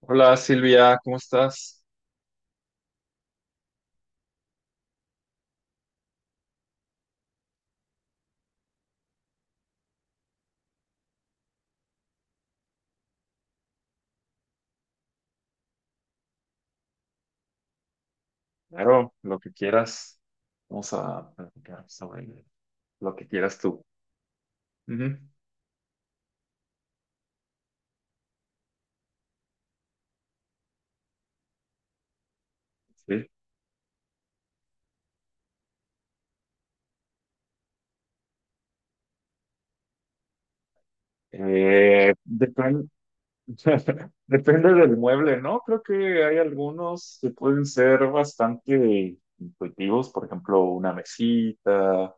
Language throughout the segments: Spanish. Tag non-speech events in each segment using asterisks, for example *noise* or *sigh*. Hola Silvia, ¿cómo estás? Claro, lo que quieras. Vamos a platicar sobre lo que quieras tú. Ujú. Sí. Eh, depen- *laughs* Depende del mueble, ¿no? Creo que hay algunos que pueden ser bastante intuitivos, por ejemplo, una mesita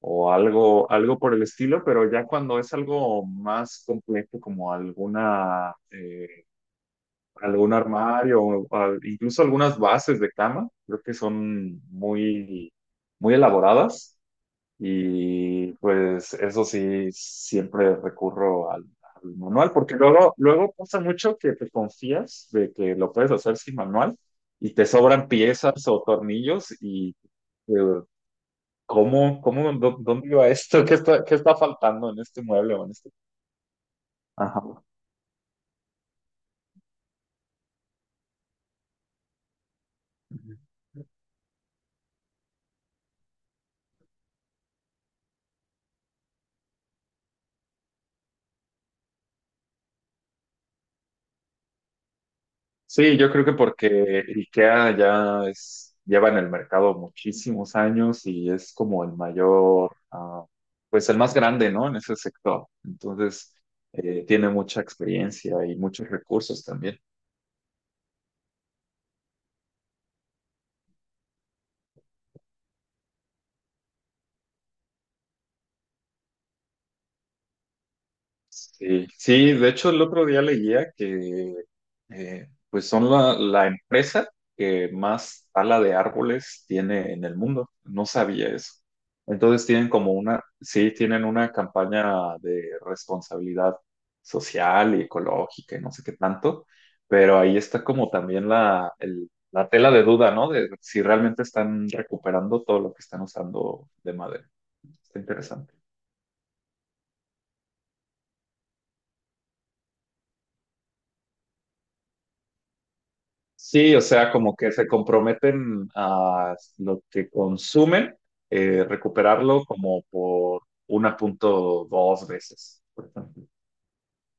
o algo, algo por el estilo, pero ya cuando es algo más complejo como alguna algún armario incluso algunas bases de cama, creo que son muy, muy elaboradas y pues eso sí, siempre recurro al manual porque luego, luego pasa mucho que te confías de que lo puedes hacer sin manual y te sobran piezas o tornillos eh, ¿cómo, dónde iba esto? Qué está faltando en este mueble o en este? Ajá. Sí, yo creo que porque IKEA lleva en el mercado muchísimos años y es como el mayor, pues el más grande, ¿no? En ese sector. Entonces, tiene mucha experiencia y muchos recursos también. Sí, sí, de hecho el otro día leía que pues son la empresa que más tala de árboles tiene en el mundo. No sabía eso. Entonces tienen como una, sí, tienen una campaña de responsabilidad social y ecológica y no sé qué tanto, pero ahí está como también la tela de duda, ¿no? De si realmente están recuperando todo lo que están usando de madera. Está interesante. Sí, o sea, como que se comprometen a lo que consumen, recuperarlo como por 1.2 veces, por ejemplo.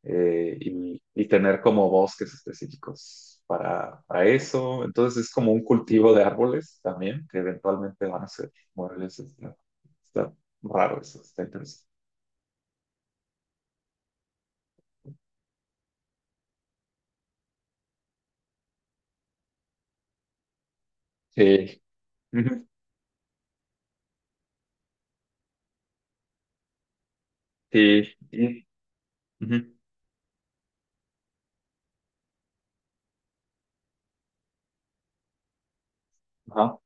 Y tener como bosques específicos para eso. Entonces es como un cultivo de árboles también, que eventualmente van a ser muebles. Está raro eso, está interesante. Sí. Ujú. Sí, sí. Ujú. Ajá.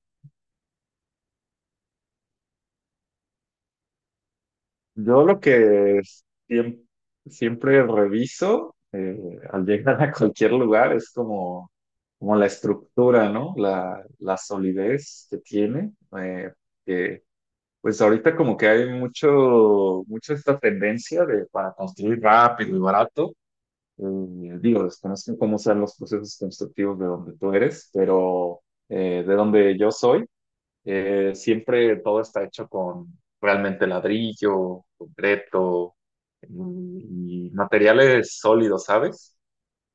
Yo lo que siem- siempre reviso al llegar a cualquier lugar es como, como la estructura, ¿no? La solidez que tiene. eh, que, pues ahorita como que hay mucho, mucho esta tendencia de para construir rápido y barato. Digo, desconozco cómo sean los procesos constructivos de donde tú eres, pero de donde yo soy siempre todo está hecho con realmente ladrillo, concreto, mm, y materiales sólidos, ¿sabes?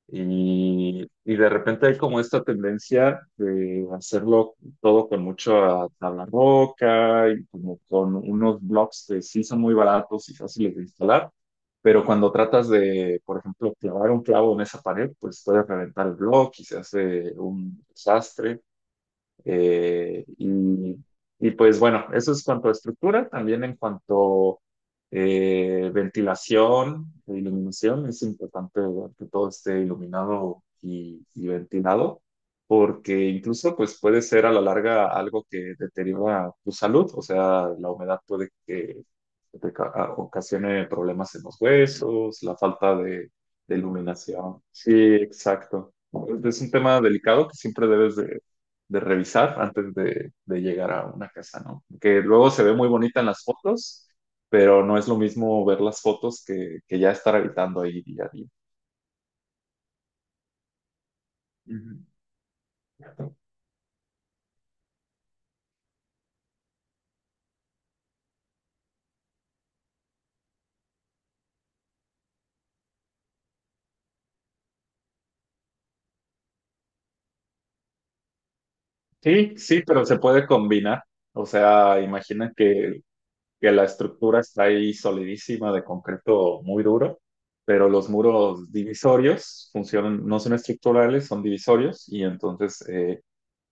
Y de repente hay como esta tendencia de hacerlo todo con mucha tabla roca y como con unos blocks que sí son muy baratos y fáciles de instalar, pero cuando tratas de, por ejemplo, clavar un clavo en esa pared, pues puedes reventar el bloque y se hace un desastre. Eh, y, y pues bueno, eso es cuanto a estructura, también en cuanto ventilación e iluminación, es importante ver que todo esté iluminado y ventilado, porque incluso pues puede ser a la larga algo que deteriora tu salud, o sea, la humedad puede que ocasione problemas en los huesos, la falta de iluminación. Sí, exacto. Es un tema delicado que siempre debes de revisar antes de llegar a una casa, ¿no? Que luego se ve muy bonita en las fotos, pero no es lo mismo ver las fotos que ya estar habitando ahí día a día. Ujú. Sí, sí, pero se puede combinar. O sea, que la estructura está ahí solidísima de concreto muy duro, pero los muros divisorios funcionan, no son estructurales, son divisorios y entonces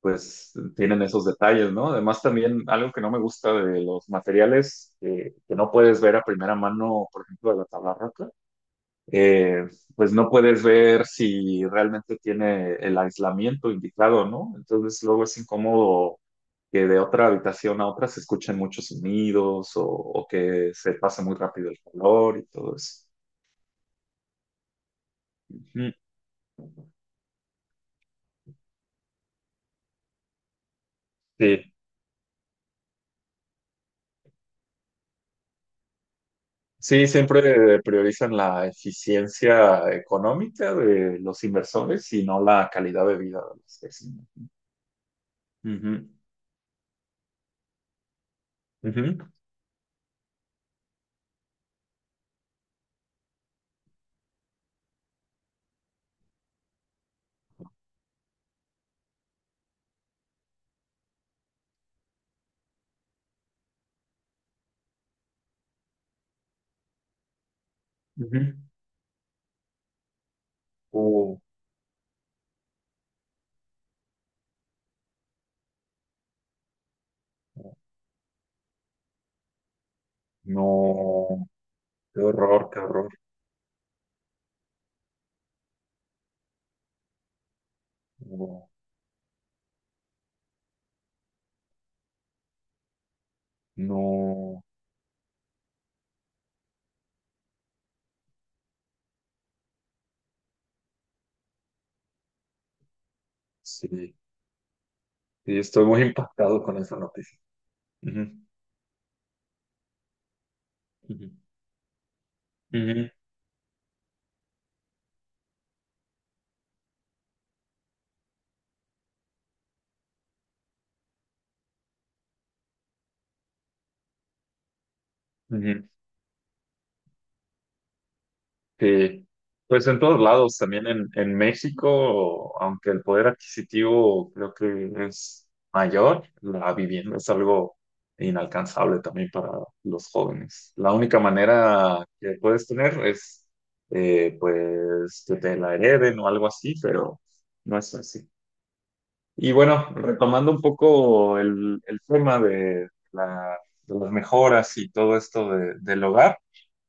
pues tienen esos detalles, ¿no? Además también algo que no me gusta de los materiales que no puedes ver a primera mano, por ejemplo, de la tabla roca, eh, pues no puedes ver si realmente tiene el aislamiento indicado, ¿no? Entonces luego es incómodo que de otra habitación a otra se escuchen muchos sonidos o que se pase muy rápido el calor y todo eso. Ujú. Sí. Sí, siempre priorizan la eficiencia económica de los inversores y no la calidad de vida de los vecinos. Ujú, ujú, ujú. Oh, no, qué horror, qué horror. Oh, no, sí, sí, estoy muy impactado con esa noticia. Ujú, ujú, ujú, ujú. Sí, pues en todos lados, también en México, aunque el poder adquisitivo creo que es mayor, la vivienda es algo inalcanzable también para los jóvenes. La única manera que puedes tener es, pues, que te la hereden o algo así, pero no es así. Y bueno, retomando un poco el tema la- de las mejoras y todo esto del hogar.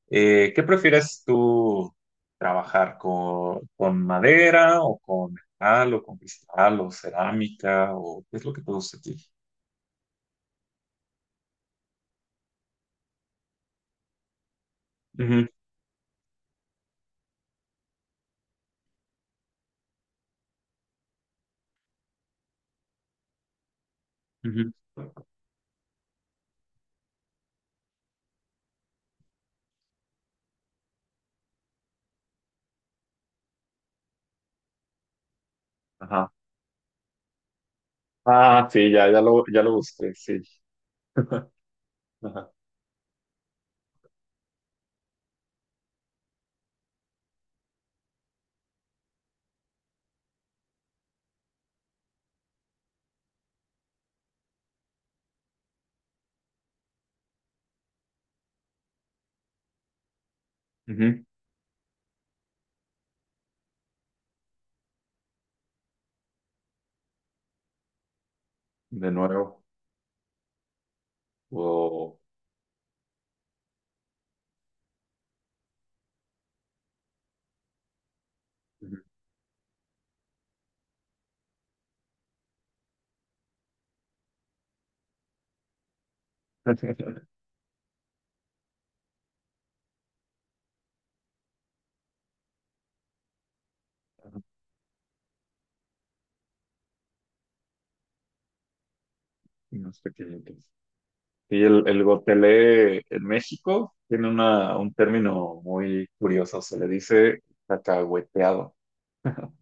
¿Qué prefieres tú trabajar con madera o con metal o con cristal o cerámica o qué es lo que te gusta a ti? Ujú, ujú. Ajá. Ah, sí, ya lo busqué, sí. Ajá. Ujú. De nuevo. Wow. Ujú. *laughs* Unos pequeñitos. Y el gotelé en México tiene un término muy curioso, se le dice cacahueteado. *laughs*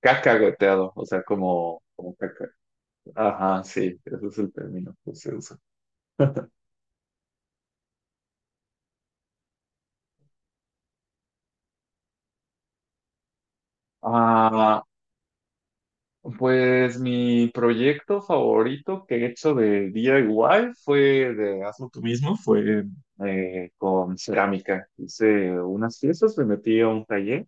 Cascagoteado, o sea, como, como caca. Ajá, sí, ese es el término que se usa. Ah, pues mi proyecto favorito que he hecho de DIY fue de hazlo tú mismo, fue con cerámica. Hice unas piezas, me metí a un taller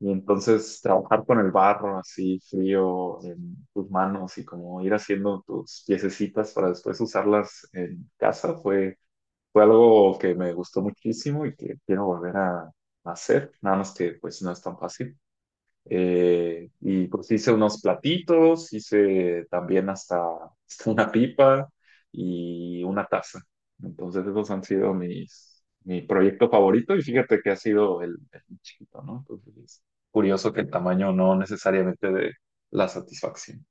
y entonces trabajar con el barro así frío en tus manos y como ir haciendo tus piececitas para después usarlas en casa fue. Fue algo que me gustó muchísimo y que quiero volver a hacer, nada más que pues no es tan fácil. Y pues hice unos platitos, hice también hasta, *laughs* hasta una pipa y una taza. Entonces esos han sido mis, mi proyecto favorito y fíjate que ha sido el más chiquito, ¿no? Entonces es curioso que el tamaño no necesariamente de la satisfacción.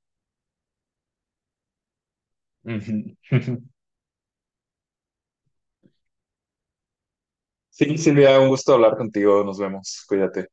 Ujú. *laughs* Sí, Silvia, un gusto hablar contigo, nos vemos, cuídate.